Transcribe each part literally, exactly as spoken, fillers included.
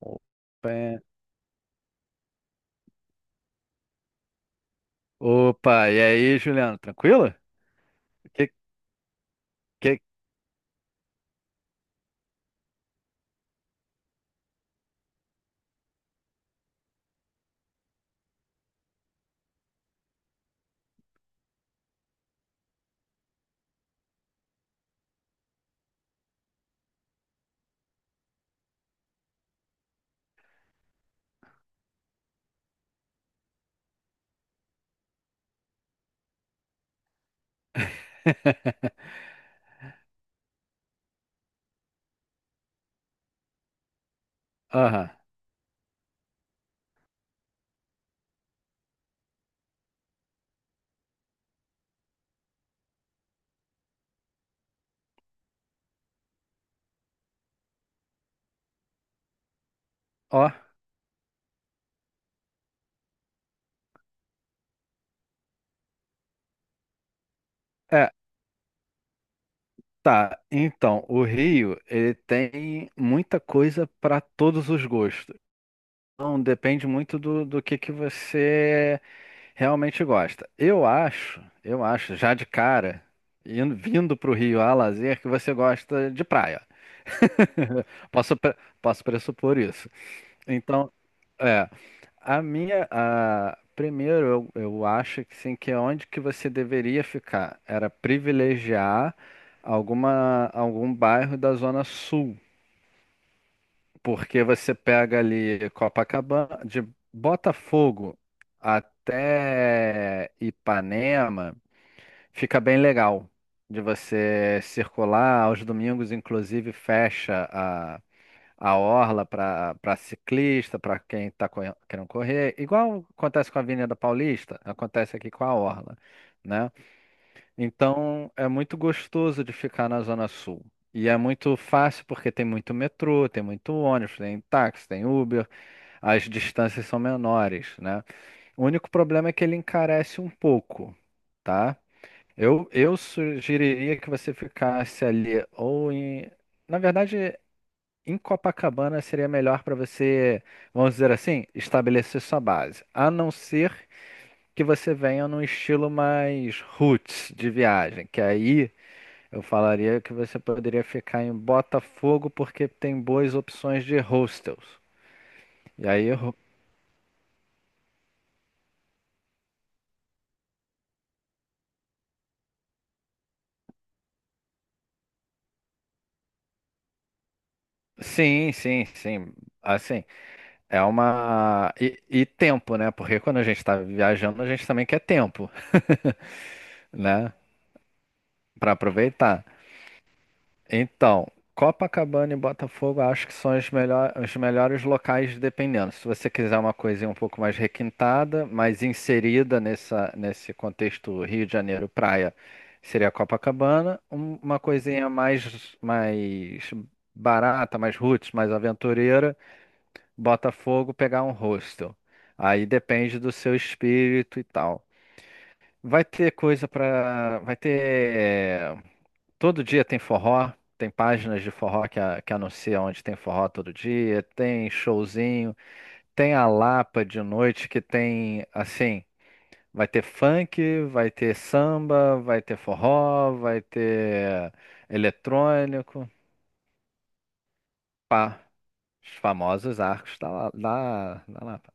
Opa, é- Opa, e aí, Juliano, tranquilo? Que, que... Aham, ó, é, tá, então, o Rio, ele tem muita coisa para todos os gostos. Então, depende muito do, do que que você realmente gosta. Eu acho, eu acho, já de cara, indo, vindo pro Rio a lazer, que você gosta de praia. Posso, pre- posso pressupor isso. Então, é, a minha, a, primeiro, eu, eu acho que sim, que é onde que você deveria ficar era privilegiar alguma, algum bairro da Zona Sul, porque você pega ali Copacabana, de Botafogo até Ipanema, fica bem legal de você circular. Aos domingos, inclusive, fecha a orla para para ciclista, para quem está querendo correr, igual acontece com a Avenida Paulista, acontece aqui com a orla, né? Então é muito gostoso de ficar na Zona Sul. E é muito fácil porque tem muito metrô, tem muito ônibus, tem táxi, tem Uber, as distâncias são menores, né? O único problema é que ele encarece um pouco, tá? Eu, eu sugeriria que você ficasse ali ou em. Na verdade. Em Copacabana seria melhor para você, vamos dizer assim, estabelecer sua base. A não ser que você venha num estilo mais roots de viagem, que aí eu falaria que você poderia ficar em Botafogo porque tem boas opções de hostels. E aí, ro- sim, sim, sim. Assim, é uma. E, e tempo, né? Porque quando a gente está viajando, a gente também quer tempo, né? Para aproveitar. Então, Copacabana e Botafogo acho que são os, melhor- os melhores locais, dependendo. Se você quiser uma coisinha um pouco mais requintada, mais inserida nessa, nesse contexto Rio de Janeiro praia, seria Copacabana. Um- uma coisinha mais, mais barata, mais roots, mais aventureira, Botafogo pegar um hostel. Aí depende do seu espírito e tal. Vai ter coisa para, vai ter. Todo dia tem forró, tem páginas de forró que, a- que anunciam onde tem forró todo dia, tem showzinho, tem a Lapa de noite que tem, assim, vai ter funk, vai ter samba, vai ter forró, vai ter eletrônico, pá, os famosos arcos da, La- da, da Lapa.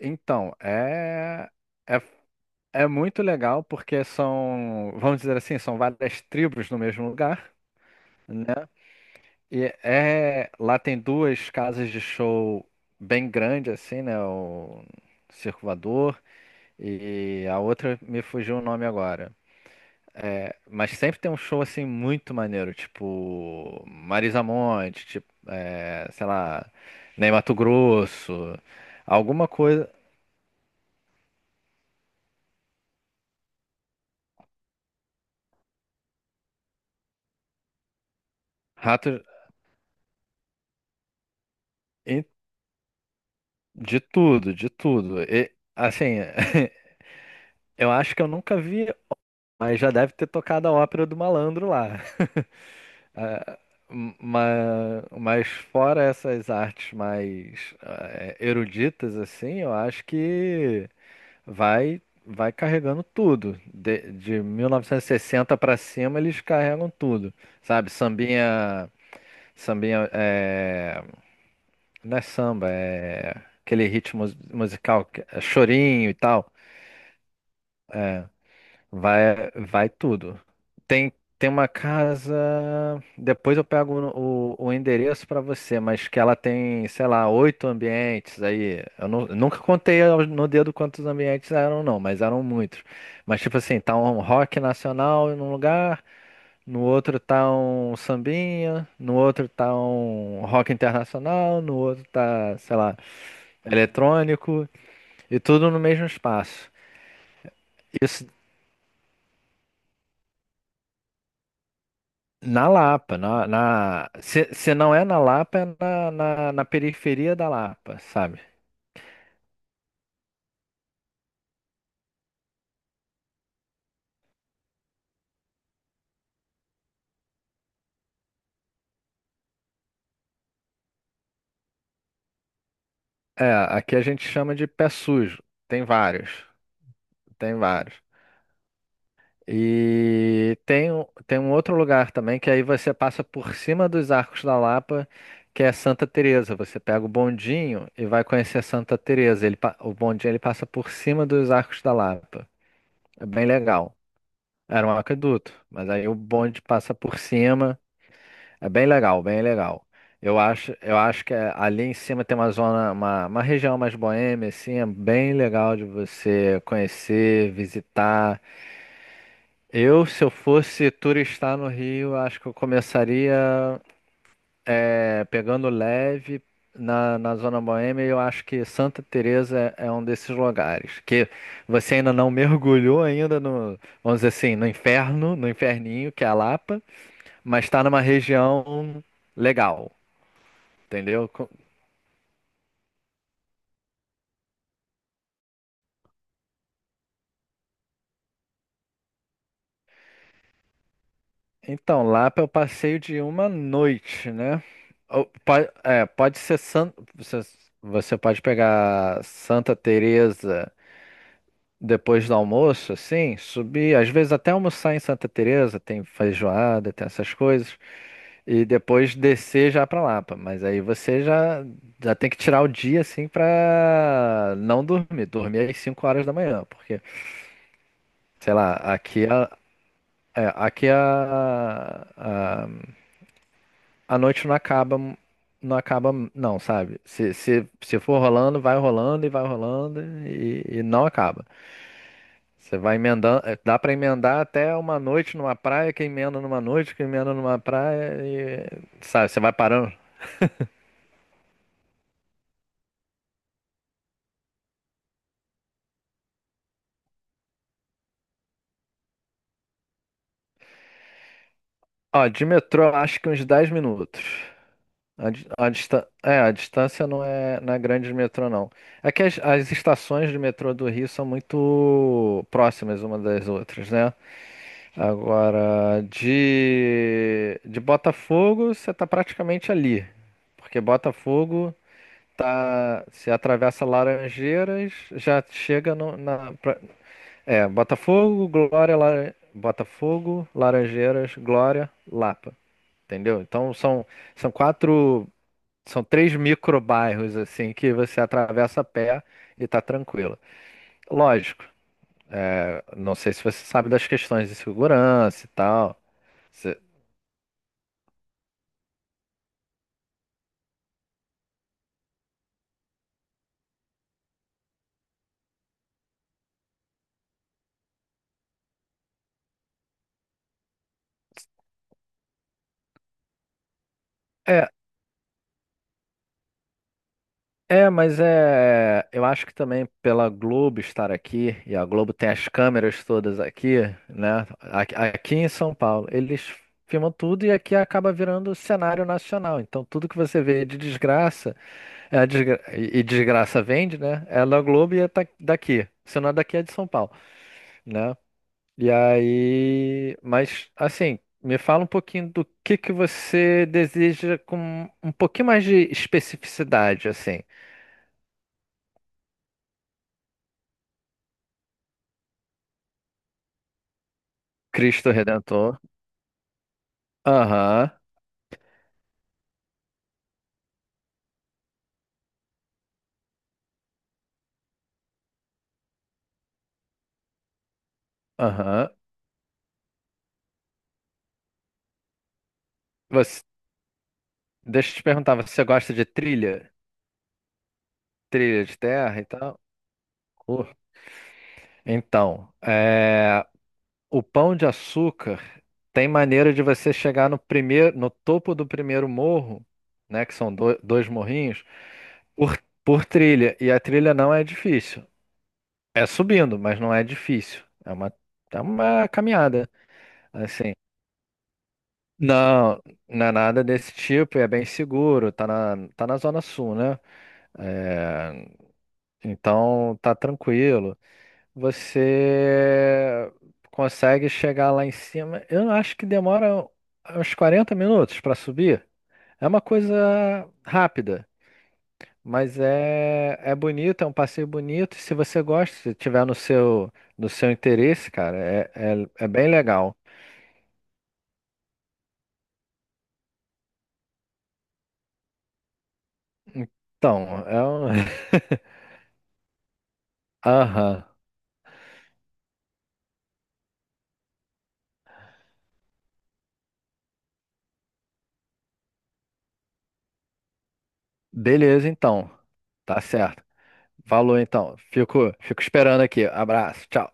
Então, é, é, é muito legal porque são, vamos dizer assim, são várias tribos no mesmo lugar, né? E é, lá tem duas casas de show bem grandes, assim, né? O Circo Voador e a outra me fugiu o nome agora. É, mas sempre tem um show, assim, muito maneiro, tipo Marisa Monte, tipo, é, sei lá, Ney Mato Grosso, alguma coisa, rato e- de tudo, de tudo. E, assim, eu acho que eu nunca vi, mas já deve ter tocado a ópera do Malandro lá. Ma- Mas fora essas artes mais eh, eruditas, assim, eu acho que vai vai carregando tudo. De, de mil novecentos e sessenta para cima, eles carregam tudo. Sabe, sambinha, sambinha, eh, não é samba, é aquele ritmo mus- musical, que é chorinho e tal. Vai, vai tudo. Tem, tem uma casa. Depois eu pego o, o endereço pra você, mas que ela tem, sei lá, oito ambientes aí. Eu nu- nunca contei ao- no dedo quantos ambientes eram, não, mas eram muitos. Mas tipo assim, tá um rock nacional em um lugar, no outro tá um sambinha, no outro tá um rock internacional, no outro tá, sei lá, eletrônico, e tudo no mesmo espaço. Na Lapa, na, na... Se, se não é na Lapa, é na, na, na periferia da Lapa, sabe? É, aqui a gente chama de pé sujo. Tem vários, tem vários. E tem, um- tem um outro lugar também que aí você passa por cima dos Arcos da Lapa, que é Santa Teresa. Você pega o bondinho e vai conhecer Santa Teresa. Ele, pa- o bondinho ele passa por cima dos Arcos da Lapa. É bem legal. Era um aqueduto, mas aí o bonde passa por cima. É bem legal, bem legal. Eu acho, eu acho que é- ali em cima tem uma zona, uma, uma região mais boêmia, assim, é bem legal de você conhecer, visitar. Eu, se eu fosse turistar no Rio, acho que eu começaria é, pegando leve na, na zona boêmia. E eu acho que Santa Teresa é, é um desses lugares que você ainda não mergulhou ainda no, vamos dizer assim, no inferno, no inferninho que é a Lapa, mas está numa região legal. Entendeu? Então, Lapa é o passeio de uma noite, né? Ou po- é, pode ser San... Você você pode pegar Santa Teresa depois do almoço, assim, subir, às vezes até almoçar em Santa Teresa, tem feijoada, tem essas coisas, e depois descer já pra Lapa. Mas aí você já, já tem que tirar o dia, assim, pra não dormir. Dormir às cinco horas da manhã, porque, sei lá, aqui a, é, aqui é a, a noite não acaba, não acaba, não, sabe? Se, se, se for rolando, vai rolando e vai rolando e, e não acaba. Você vai emendando, eh, dá pra emendar até uma noite numa praia, que emenda numa noite, que emenda numa praia e, sabe, você vai parando. Ó, de metrô, eu acho que uns dez minutos. A, di- a, distan- é, a distância não é, não é grande de metrô, não. É que as, as estações de metrô do Rio são muito próximas uma das outras, né? Agora, de, de Botafogo, você tá praticamente ali. Porque Botafogo tá, se atravessa Laranjeiras, já chega no- na. pra- é, Botafogo, Glória, Laran- Botafogo, Laranjeiras, Glória, Lapa. Entendeu? Então são, são quatro. São três microbairros assim que você atravessa a pé e tá tranquilo. Lógico, não sei se você sabe das questões de segurança e tal. Você- é, É, mas é. Eu acho que também pela Globo estar aqui, e a Globo tem as câmeras todas aqui, né? Aqui, aqui em São Paulo, eles filmam tudo e aqui acaba virando cenário nacional. Então, tudo que você vê de desgraça, é a desgra- e e desgraça vende, né? É da Globo e é ta- daqui. Se não é daqui, é de São Paulo, né? E aí. Mas, assim. Me fala um pouquinho do que que você deseja com um pouquinho mais de especificidade, assim. Cristo Redentor. Aham, aham. Você, deixa eu te perguntar, você gosta de trilha? Trilha de terra e tal? Uh, Então, é, o Pão de Açúcar tem maneira de você chegar no primeiro, no topo do primeiro morro, né, que são do- dois morrinhos, por, por trilha. E a trilha não é difícil. É subindo, mas não é difícil. É uma, é uma caminhada, assim. Não, não é nada desse tipo, é bem seguro, tá na, tá na Zona Sul, né? É, então tá tranquilo. Você consegue chegar lá em cima. Eu acho que demora uns quarenta minutos para subir. É uma coisa rápida, mas é, é bonito, é um passeio bonito. Se você gosta, se tiver no seu, no seu interesse, cara, é, é, é bem legal. Então, é um. Aham. Beleza, então. Tá certo. Falou, então. Fico, fico esperando aqui. Abraço. Tchau.